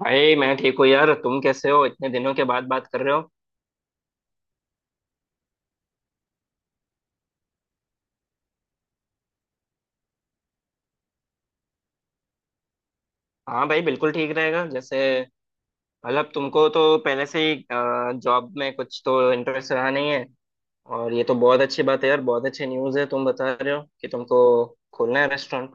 भाई मैं ठीक हूँ यार, तुम कैसे हो? इतने दिनों के बाद बात कर रहे हो। हाँ भाई, बिल्कुल ठीक रहेगा। जैसे तुमको तो पहले से ही जॉब में कुछ तो इंटरेस्ट रहा नहीं है। और ये तो बहुत अच्छी बात है यार, बहुत अच्छी न्यूज़ है, तुम बता रहे हो कि तुमको खोलना है रेस्टोरेंट।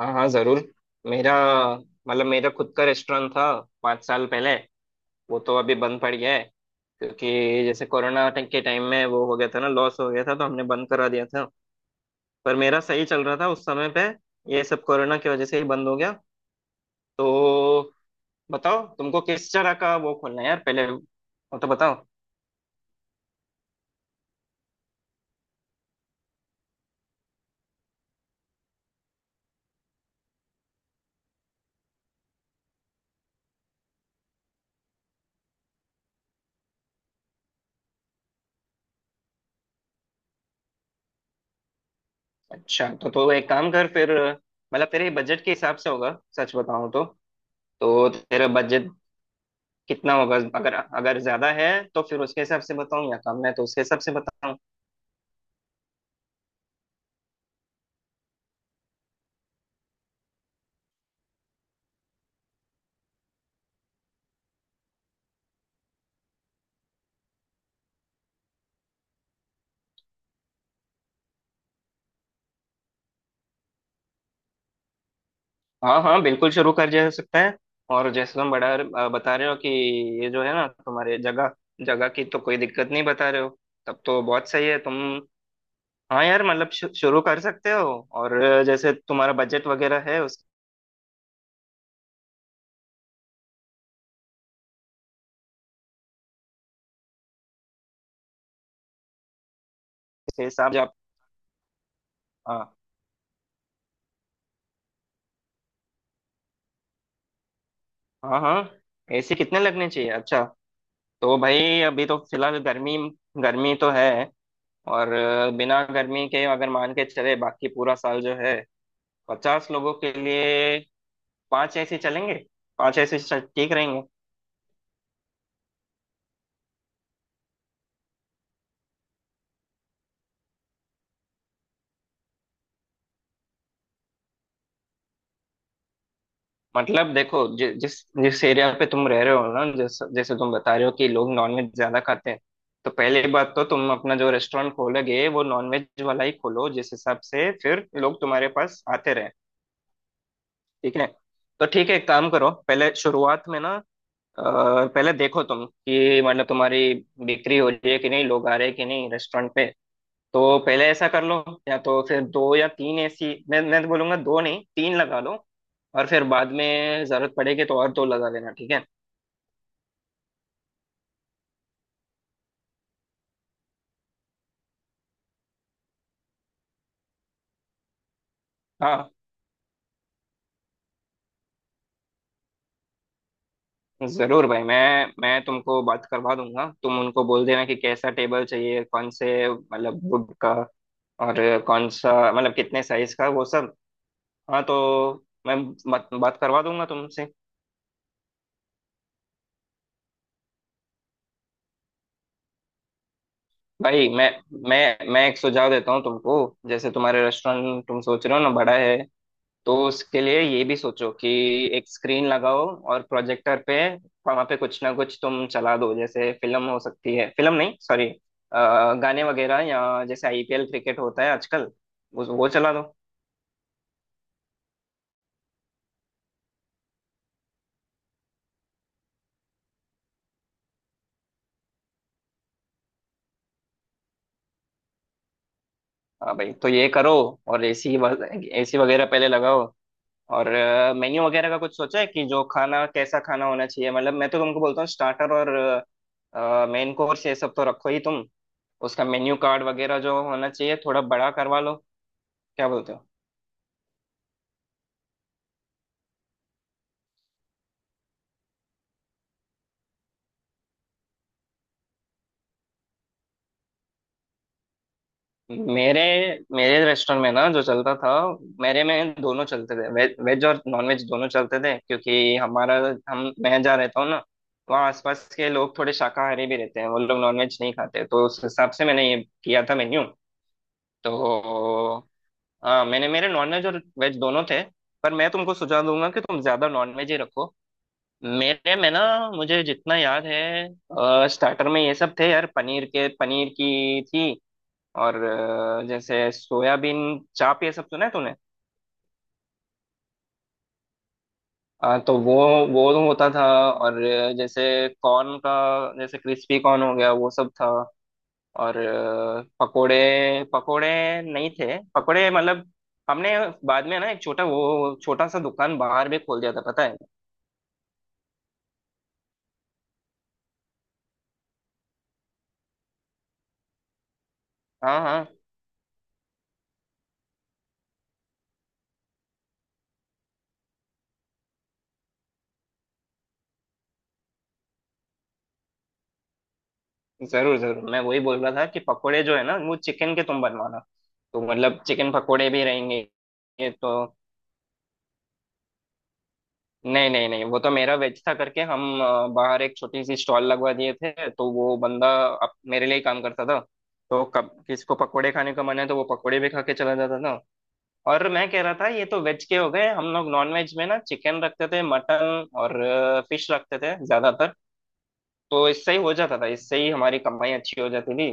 हाँ हाँ ज़रूर। मेरा मेरा खुद का रेस्टोरेंट था 5 साल पहले। वो तो अभी बंद पड़ गया है, क्योंकि जैसे कोरोना के टाइम में वो हो गया था ना, लॉस हो गया था तो हमने बंद करा दिया था। पर मेरा सही चल रहा था उस समय पे, ये सब कोरोना की वजह से ही बंद हो गया। तो बताओ तुमको किस तरह का वो खोलना है यार, पहले वो तो बताओ। अच्छा, तो एक काम कर फिर। मतलब तेरे बजट के हिसाब से होगा सच बताऊं तो। तो तेरा बजट कितना होगा? अगर अगर ज्यादा है तो फिर उसके हिसाब से बताऊं, या कम है तो उसके हिसाब से बताऊं। हाँ हाँ बिल्कुल, शुरू कर जा सकता है। और जैसे तुम बड़ा बता रहे हो कि ये जो है ना तुम्हारे जगह, जगह की तो कोई दिक्कत नहीं बता रहे हो, तब तो बहुत सही है तुम। हाँ यार, मतलब शुरू कर सकते हो। और जैसे तुम्हारा बजट वगैरह है उसके हिसाब से आप। हाँ हाँ। हाँ, ऐसे कितने लगने चाहिए? अच्छा। तो भाई अभी तो फिलहाल गर्मी गर्मी तो है। और बिना गर्मी के अगर मान के चले बाकी पूरा साल जो है, 50 लोगों के लिए 5 ऐसे चलेंगे। ठीक रहेंगे। मतलब देखो, जिस जिस एरिया पे तुम रह रहे हो ना, जैसे जैसे तुम बता रहे हो कि लोग नॉनवेज ज्यादा खाते हैं, तो पहली बात तो तुम अपना जो रेस्टोरेंट खोलोगे वो नॉनवेज वाला ही खोलो, जिस हिसाब से फिर लोग तुम्हारे पास आते रहे। ठीक है। तो ठीक है, एक काम करो पहले शुरुआत में ना। अ, पहले देखो तुम कि मतलब तुम्हारी बिक्री हो रही है कि नहीं, लोग आ रहे हैं कि नहीं रेस्टोरेंट पे। तो पहले ऐसा कर लो, या तो फिर दो या तीन ऐसी मैं तो बोलूंगा, दो नहीं तीन लगा लो। और फिर बाद में जरूरत पड़ेगी तो और दो लगा लेना। ठीक है। हाँ जरूर भाई, मैं तुमको बात करवा दूंगा। तुम उनको बोल देना कि कैसा टेबल चाहिए, कौन से मतलब वुड का, और कौन सा मतलब कितने साइज का, वो सब। हाँ तो मैं बात बात करवा दूंगा तुमसे। भाई मैं एक सुझाव देता हूँ तुमको। जैसे तुम्हारे रेस्टोरेंट तुम सोच रहे हो ना बड़ा है, तो उसके लिए ये भी सोचो कि एक स्क्रीन लगाओ, और प्रोजेक्टर पे वहां पे कुछ ना कुछ तुम चला दो, जैसे फिल्म हो सकती है, फिल्म नहीं सॉरी, गाने वगैरह, या जैसे आईपीएल क्रिकेट होता है आजकल, वो चला दो। हाँ भाई तो ये करो। और एसी, एसी वगैरह पहले लगाओ। और मेन्यू वगैरह का कुछ सोचा है कि जो खाना कैसा खाना होना चाहिए? मतलब मैं तो तुमको बोलता हूँ स्टार्टर और मेन कोर्स ये सब तो रखो ही तुम। उसका मेन्यू कार्ड वगैरह जो होना चाहिए थोड़ा बड़ा करवा लो। क्या बोलते हो? मेरे मेरे रेस्टोरेंट में ना जो चलता था, मेरे में दोनों चलते थे, वेज वेज और नॉन वेज दोनों चलते थे। क्योंकि हमारा, हम मैं जहाँ रहता हूँ ना, वहाँ आसपास के लोग थोड़े शाकाहारी भी रहते हैं, वो लोग नॉन वेज नहीं खाते, तो उस हिसाब से मैंने ये किया था मेन्यू। तो हाँ, मैंने मेरे नॉन वेज और वेज दोनों थे। पर मैं तुमको सुझाव दूंगा कि तुम ज्यादा नॉन वेज ही रखो। मेरे में ना, मुझे जितना याद है स्टार्टर में ये सब थे यार, पनीर की थी। और जैसे सोयाबीन चाप, ये सब सुना है तूने? तो वो होता था। और जैसे कॉर्न का, जैसे क्रिस्पी कॉर्न हो गया, वो सब था। और पकोड़े पकोड़े नहीं थे। पकोड़े मतलब, हमने बाद में ना एक छोटा सा दुकान बाहर भी खोल दिया था, पता है? हाँ हाँ जरूर जरूर, मैं वही बोल रहा था कि पकोड़े जो है ना, वो चिकन के तुम बनवाना। तो मतलब चिकन पकोड़े भी रहेंगे। तो नहीं नहीं नहीं, वो तो मेरा वेज था करके, हम बाहर एक छोटी सी स्टॉल लगवा दिए थे, तो वो बंदा मेरे लिए ही काम करता था। तो कब किसको पकोड़े खाने का मन है तो वो पकोड़े भी खा के चला जाता था। और मैं कह रहा था ये तो वेज के हो गए, हम लोग नॉन वेज में ना चिकन रखते थे, मटन और फिश रखते थे ज्यादातर। तो इससे ही हो जाता था, इससे ही हमारी कमाई अच्छी हो जाती थी।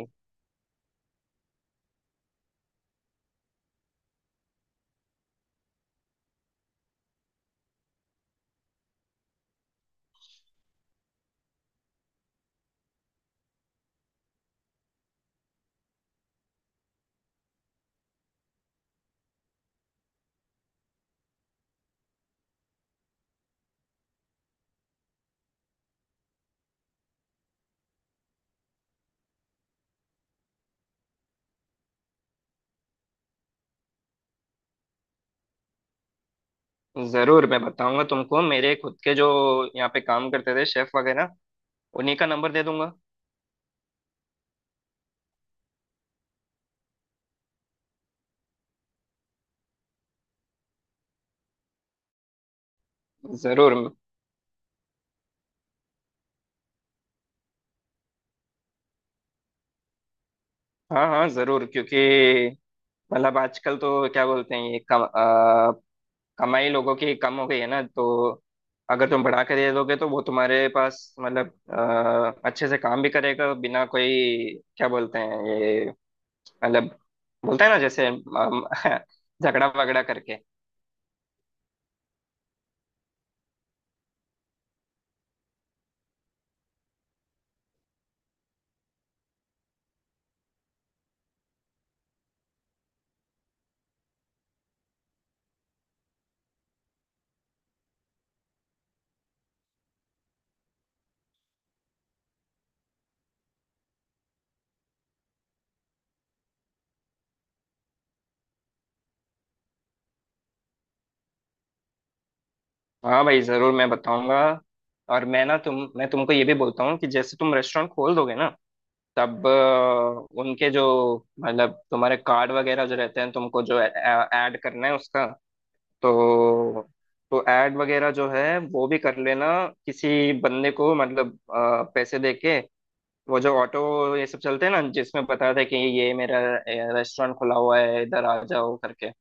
जरूर मैं बताऊंगा तुमको, मेरे खुद के जो यहाँ पे काम करते थे शेफ वगैरह, उन्हीं का नंबर दे दूंगा। जरूर। हाँ हाँ जरूर, क्योंकि मतलब आजकल तो क्या बोलते हैं ये कमाई लोगों की कम हो गई है ना। तो अगर तुम बढ़ा के दे दोगे, तो वो तुम्हारे पास मतलब अच्छे से काम भी करेगा, बिना कोई, क्या बोलते हैं ये, मतलब बोलते हैं ना जैसे झगड़ा वगड़ा करके। हाँ भाई जरूर मैं बताऊंगा। और मैं तुमको ये भी बोलता हूँ कि जैसे तुम रेस्टोरेंट खोल दोगे ना, तब उनके जो, मतलब तुम्हारे कार्ड वगैरह जो रहते हैं, तुमको जो ऐड करना है उसका, तो तो ऐड वगैरह जो है वो भी कर लेना। किसी बंदे को मतलब पैसे देके, वो जो ऑटो ये सब चलते हैं ना, जिसमें बताते हैं कि ये मेरा रेस्टोरेंट खुला हुआ है, इधर आ जाओ करके।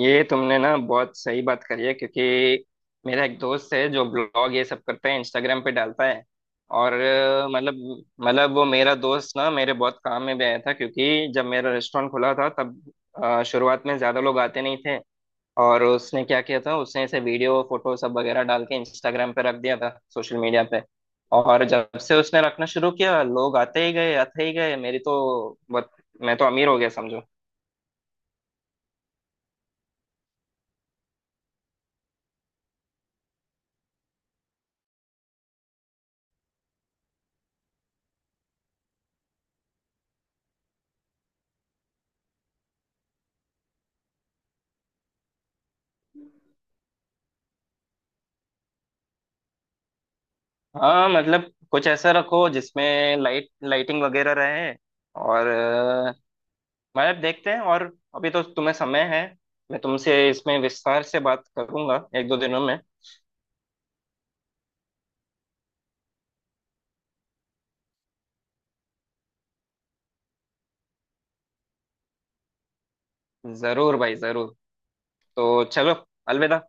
ये तुमने ना बहुत सही बात करी है, क्योंकि मेरा एक दोस्त है जो ब्लॉग ये सब करता है, इंस्टाग्राम पे डालता है। और मतलब वो मेरा दोस्त ना मेरे बहुत काम में भी आया था, क्योंकि जब मेरा रेस्टोरेंट खुला था तब शुरुआत में ज़्यादा लोग आते नहीं थे। और उसने क्या किया था, उसने ऐसे वीडियो फोटो सब वगैरह डाल के इंस्टाग्राम पे रख दिया था, सोशल मीडिया पे। और जब से उसने रखना शुरू किया, लोग आते ही गए, आते ही गए, मेरी तो बहुत, मैं तो अमीर हो गया समझो। हाँ मतलब कुछ ऐसा रखो जिसमें लाइट, लाइटिंग वगैरह रहे। और मतलब देखते हैं। और अभी तो तुम्हें समय है, मैं तुमसे इसमें विस्तार से बात करूंगा एक दो दिनों में। जरूर भाई जरूर। तो चलो, अलविदा।